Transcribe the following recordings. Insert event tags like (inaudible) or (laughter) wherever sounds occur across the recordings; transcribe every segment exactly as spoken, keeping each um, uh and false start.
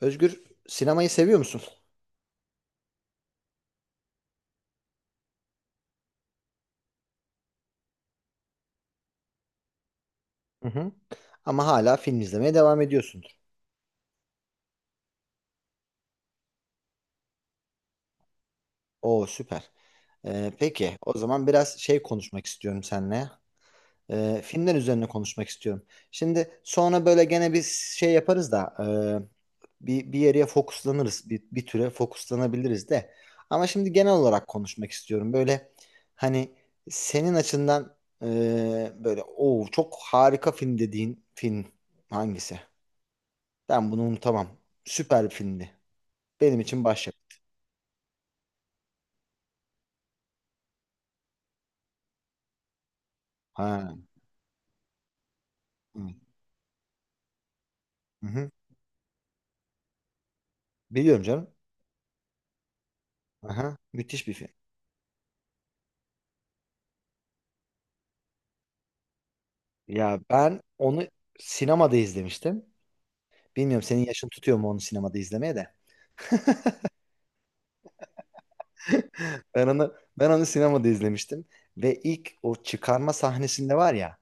Özgür, sinemayı seviyor musun? Hı hı. Ama hala film izlemeye devam ediyorsundur. Oo süper. Ee, peki o zaman biraz şey konuşmak istiyorum seninle. Ee, filmler üzerine konuşmak istiyorum. Şimdi sonra böyle gene bir şey yaparız da e, bir, bir yere fokuslanırız. Bir, bir türe fokuslanabiliriz de. Ama şimdi genel olarak konuşmak istiyorum. Böyle hani senin açından e, böyle o çok harika film dediğin film hangisi? Ben bunu unutamam. Süper bir filmdi. Benim için başyapıt. Ha. Hı. Hı-hı. Biliyorum canım. Aha. Müthiş bir film. Ya ben onu sinemada izlemiştim. Bilmiyorum senin yaşın tutuyor mu onu sinemada izlemeye de. (laughs) Ben onu ben onu sinemada izlemiştim ve ilk o çıkarma sahnesinde var ya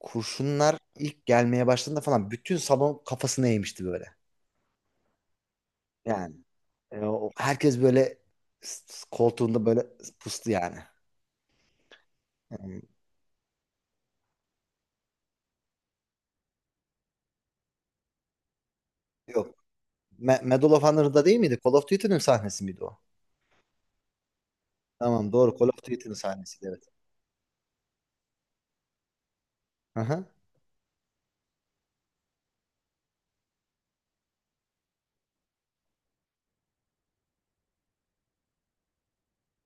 kurşunlar ilk gelmeye başladığında falan bütün salon kafasına eğmişti böyle. Yani e, o- herkes böyle s- s- koltuğunda böyle pustu yani. Yani yok. Me- Medal of Honor'da değil miydi? Call of Duty'nin sahnesi miydi o? Tamam doğru. Call of Duty'nin sahnesiydi evet. Hı hı.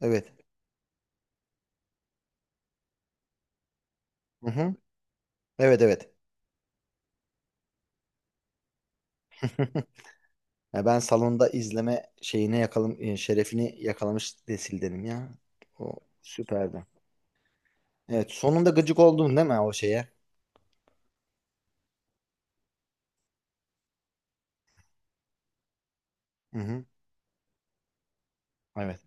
Evet. Hı hı. Evet, evet. Ya ben salonda izleme şeyine yakalım e, şerefini yakalamış nesildenim ya. O süperdi. Evet, sonunda gıcık oldun değil mi o şeye? Hı hı. Evet.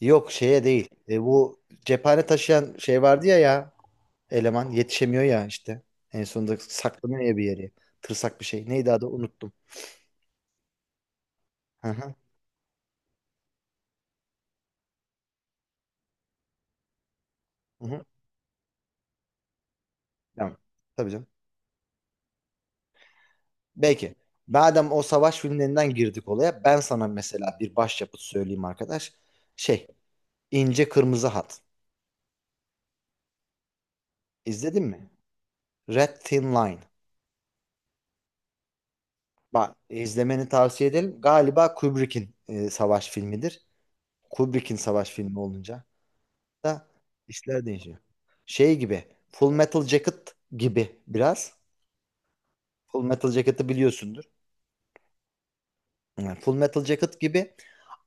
Yok, şeye değil. E, bu cephane taşıyan şey vardı ya, ya eleman yetişemiyor ya işte. En sonunda saklanıyor ya bir yere. Tırsak bir şey. Neydi adı unuttum. Hı hı. Hı hı. Tamam. Tabii canım. Belki. Madem o savaş filmlerinden girdik olaya, ben sana mesela bir başyapıt söyleyeyim arkadaş. Şey, İnce Kırmızı Hat. İzledin mi? Red Thin Line. Bak, izlemeni tavsiye ederim. Galiba Kubrick'in e, savaş filmidir. Kubrick'in savaş filmi olunca da işler değişiyor. Şey gibi, Full Metal Jacket gibi biraz. Full Metal Jacket'ı biliyorsundur. Yani Full Metal Jacket gibi.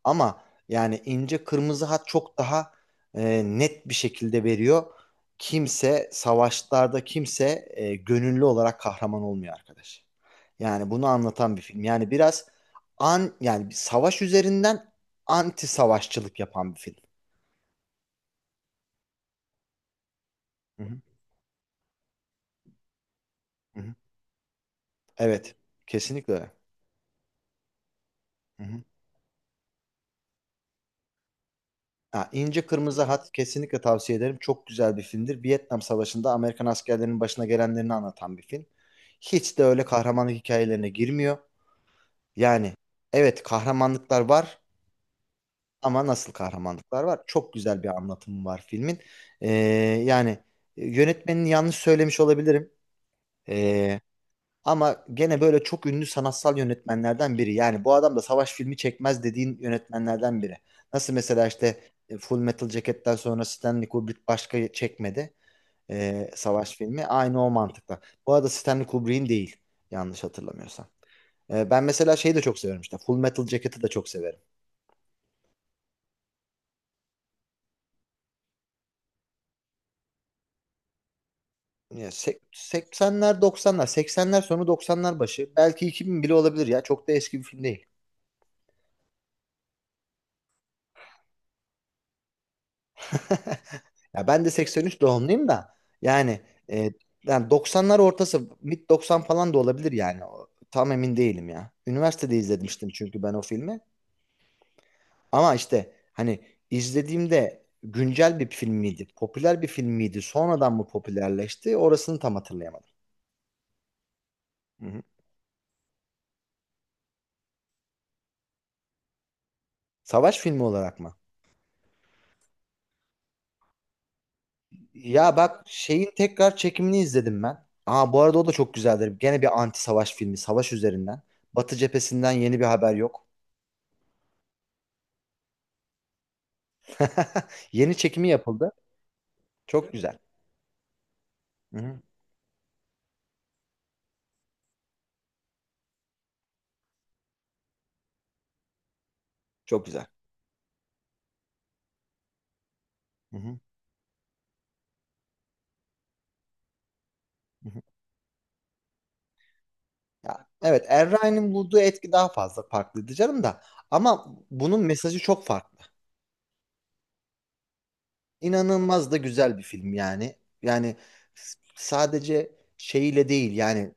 Ama yani ince kırmızı hat çok daha e, net bir şekilde veriyor. Kimse savaşlarda kimse e, gönüllü olarak kahraman olmuyor arkadaş. Yani bunu anlatan bir film. Yani biraz an yani bir savaş üzerinden anti savaşçılık yapan bir film. Hı hı, hı hı. Evet, kesinlikle öyle. Hı hı. Ha, İnce Kırmızı Hat kesinlikle tavsiye ederim. Çok güzel bir filmdir. Vietnam Savaşı'nda Amerikan askerlerinin başına gelenlerini anlatan bir film. Hiç de öyle kahramanlık hikayelerine girmiyor. Yani evet kahramanlıklar var, ama nasıl kahramanlıklar var? Çok güzel bir anlatımı var filmin. Ee, yani e, yönetmenini yanlış söylemiş olabilirim. Ee, ama gene böyle çok ünlü sanatsal yönetmenlerden biri. Yani bu adam da savaş filmi çekmez dediğin yönetmenlerden biri. Nasıl mesela işte e, Full Metal Jacket'ten sonra Stanley Kubrick başka çekmedi e, savaş filmi. Aynı o mantıkla. Bu arada Stanley Kubrick'in değil yanlış hatırlamıyorsam. Ee, ben mesela şeyi de çok severim işte. Full Metal Jacket'ı da çok severim. Ya sek- seksenler doksanlar seksenler sonu doksanlar başı belki iki bin bile olabilir ya, çok da eski bir film değil. Ya ben de seksen üç doğumluyum da yani, e, yani doksanlar ortası mid doksan falan da olabilir yani. O- tam emin değilim ya. Üniversitede izlemiştim çünkü ben o filmi, ama işte hani izlediğimde güncel bir film miydi, popüler bir film miydi, sonradan mı popülerleşti orasını tam hatırlayamadım. Hı hı. Savaş filmi olarak mı? Ya bak şeyin tekrar çekimini izledim ben. Aa bu arada o da çok güzeldir. Gene bir anti savaş filmi, savaş üzerinden. Batı cephesinden yeni bir haber yok. (laughs) Yeni çekimi yapıldı. Çok güzel. Hı-hı. Çok güzel. Hı-hı. Hı-hı. Ya, evet, Er Ryan'in bulduğu etki daha fazla farklıydı canım da. Ama bunun mesajı çok farklı. İnanılmaz da güzel bir film yani. Yani s- sadece şeyiyle değil yani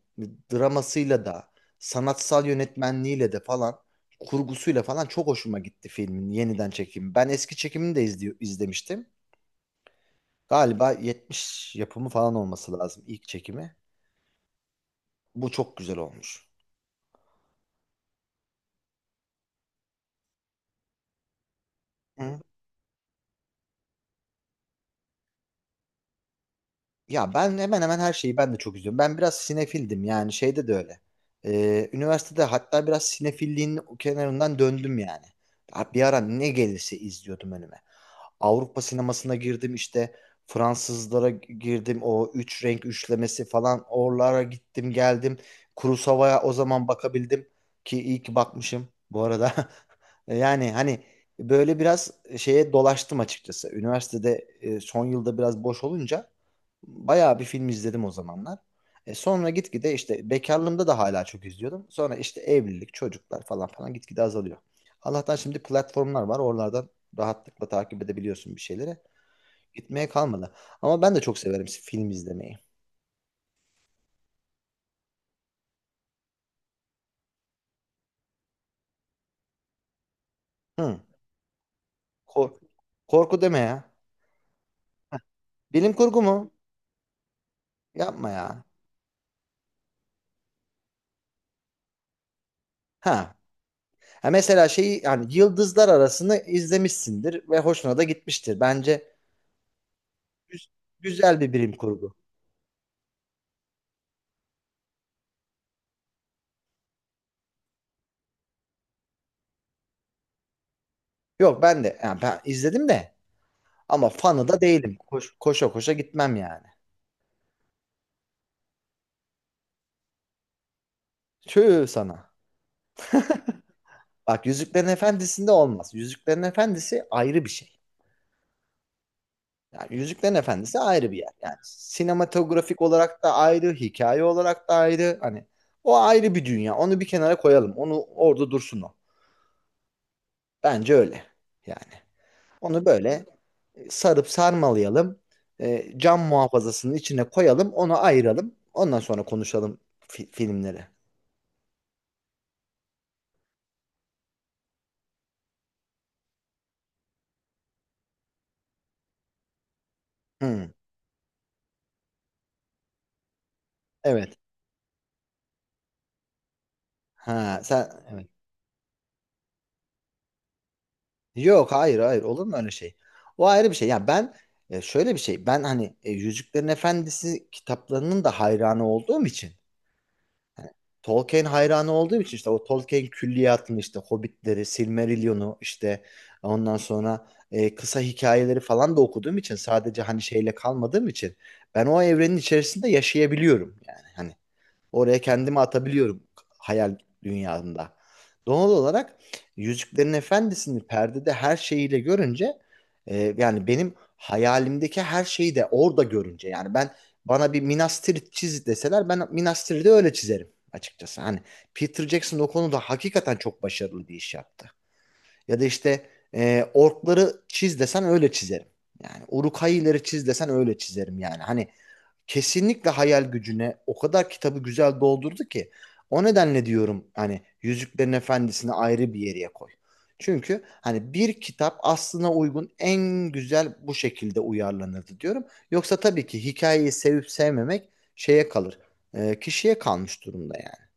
dramasıyla da sanatsal yönetmenliğiyle de falan kurgusuyla falan çok hoşuma gitti filmin yeniden çekimi. Ben eski çekimini de izli- izlemiştim. Galiba yetmiş yapımı falan olması lazım ilk çekimi. Bu çok güzel olmuş. Hı. Ya ben hemen hemen her şeyi ben de çok izliyorum. Ben biraz sinefildim yani şeyde de öyle. Ee, üniversitede hatta biraz sinefilliğin kenarından döndüm yani. Ha, bir ara ne gelirse izliyordum önüme. Avrupa sinemasına girdim işte. Fransızlara girdim. O üç renk üçlemesi falan oralara gittim geldim. Kurosawa'ya o zaman bakabildim, ki iyi ki bakmışım bu arada. (laughs) Yani hani böyle biraz şeye dolaştım açıkçası. Üniversitede e, son yılda biraz boş olunca bayağı bir film izledim o zamanlar. E sonra gitgide işte bekarlığımda da hala çok izliyordum. Sonra işte evlilik, çocuklar falan falan gitgide azalıyor. Allah'tan şimdi platformlar var. Oralardan rahatlıkla takip edebiliyorsun bir şeyleri. Gitmeye kalmadı. Ama ben de çok severim si-, film izlemeyi. Hı. Kor- korku deme ya. Bilim kurgu mu? Yapma ya. Ha. Ha mesela şeyi yani yıldızlar arasını izlemişsindir ve hoşuna da gitmiştir. Bence güz- güzel bir bilim kurgu. Yok ben de yani ben izledim de. Ama fanı da değilim. Koş, koşa koşa gitmem yani. Tüh sana. Bak Yüzüklerin Efendisi'nde olmaz. Yüzüklerin Efendisi ayrı bir şey. Yani Yüzüklerin Efendisi ayrı bir yer. Yani sinematografik olarak da ayrı, hikaye olarak da ayrı. Hani o ayrı bir dünya. Onu bir kenara koyalım. Onu orada dursun o. Bence öyle. Yani onu böyle e, sarıp sarmalayalım. E, cam muhafazasının içine koyalım. Onu ayıralım. Ondan sonra konuşalım fi- filmleri. Hı, evet. Ha sen evet. Yok, hayır, hayır, olur mu öyle şey? O ayrı bir şey. Ya ben e, şöyle bir şey. Ben hani e, Yüzüklerin Efendisi kitaplarının da hayranı olduğum için Tolkien hayranı olduğum için işte o Tolkien külliyatını işte Hobbitleri, Silmarillion'u işte ondan sonra e, kısa hikayeleri falan da okuduğum için sadece hani şeyle kalmadığım için ben o evrenin içerisinde yaşayabiliyorum yani. Hani, oraya kendimi atabiliyorum hayal dünyamda. Doğal olarak Yüzüklerin Efendisi'ni perdede her şeyiyle görünce e, yani benim hayalimdeki her şeyi de orada görünce yani ben bana bir Minas Tirith çiz deseler ben Minas Tirith'i öyle çizerim açıkçası. Hani Peter Jackson o konuda hakikaten çok başarılı bir iş yaptı. Ya da işte e, orkları çiz desen öyle çizerim. Yani uruk çiz desen öyle çizerim yani. Hani kesinlikle hayal gücüne o kadar kitabı güzel doldurdu ki o nedenle diyorum hani Yüzüklerin Efendisi'ni ayrı bir yere koy. Çünkü hani bir kitap aslına uygun en güzel bu şekilde uyarlanırdı diyorum. Yoksa tabii ki hikayeyi sevip sevmemek şeye kalır. e, kişiye kalmış durumda yani.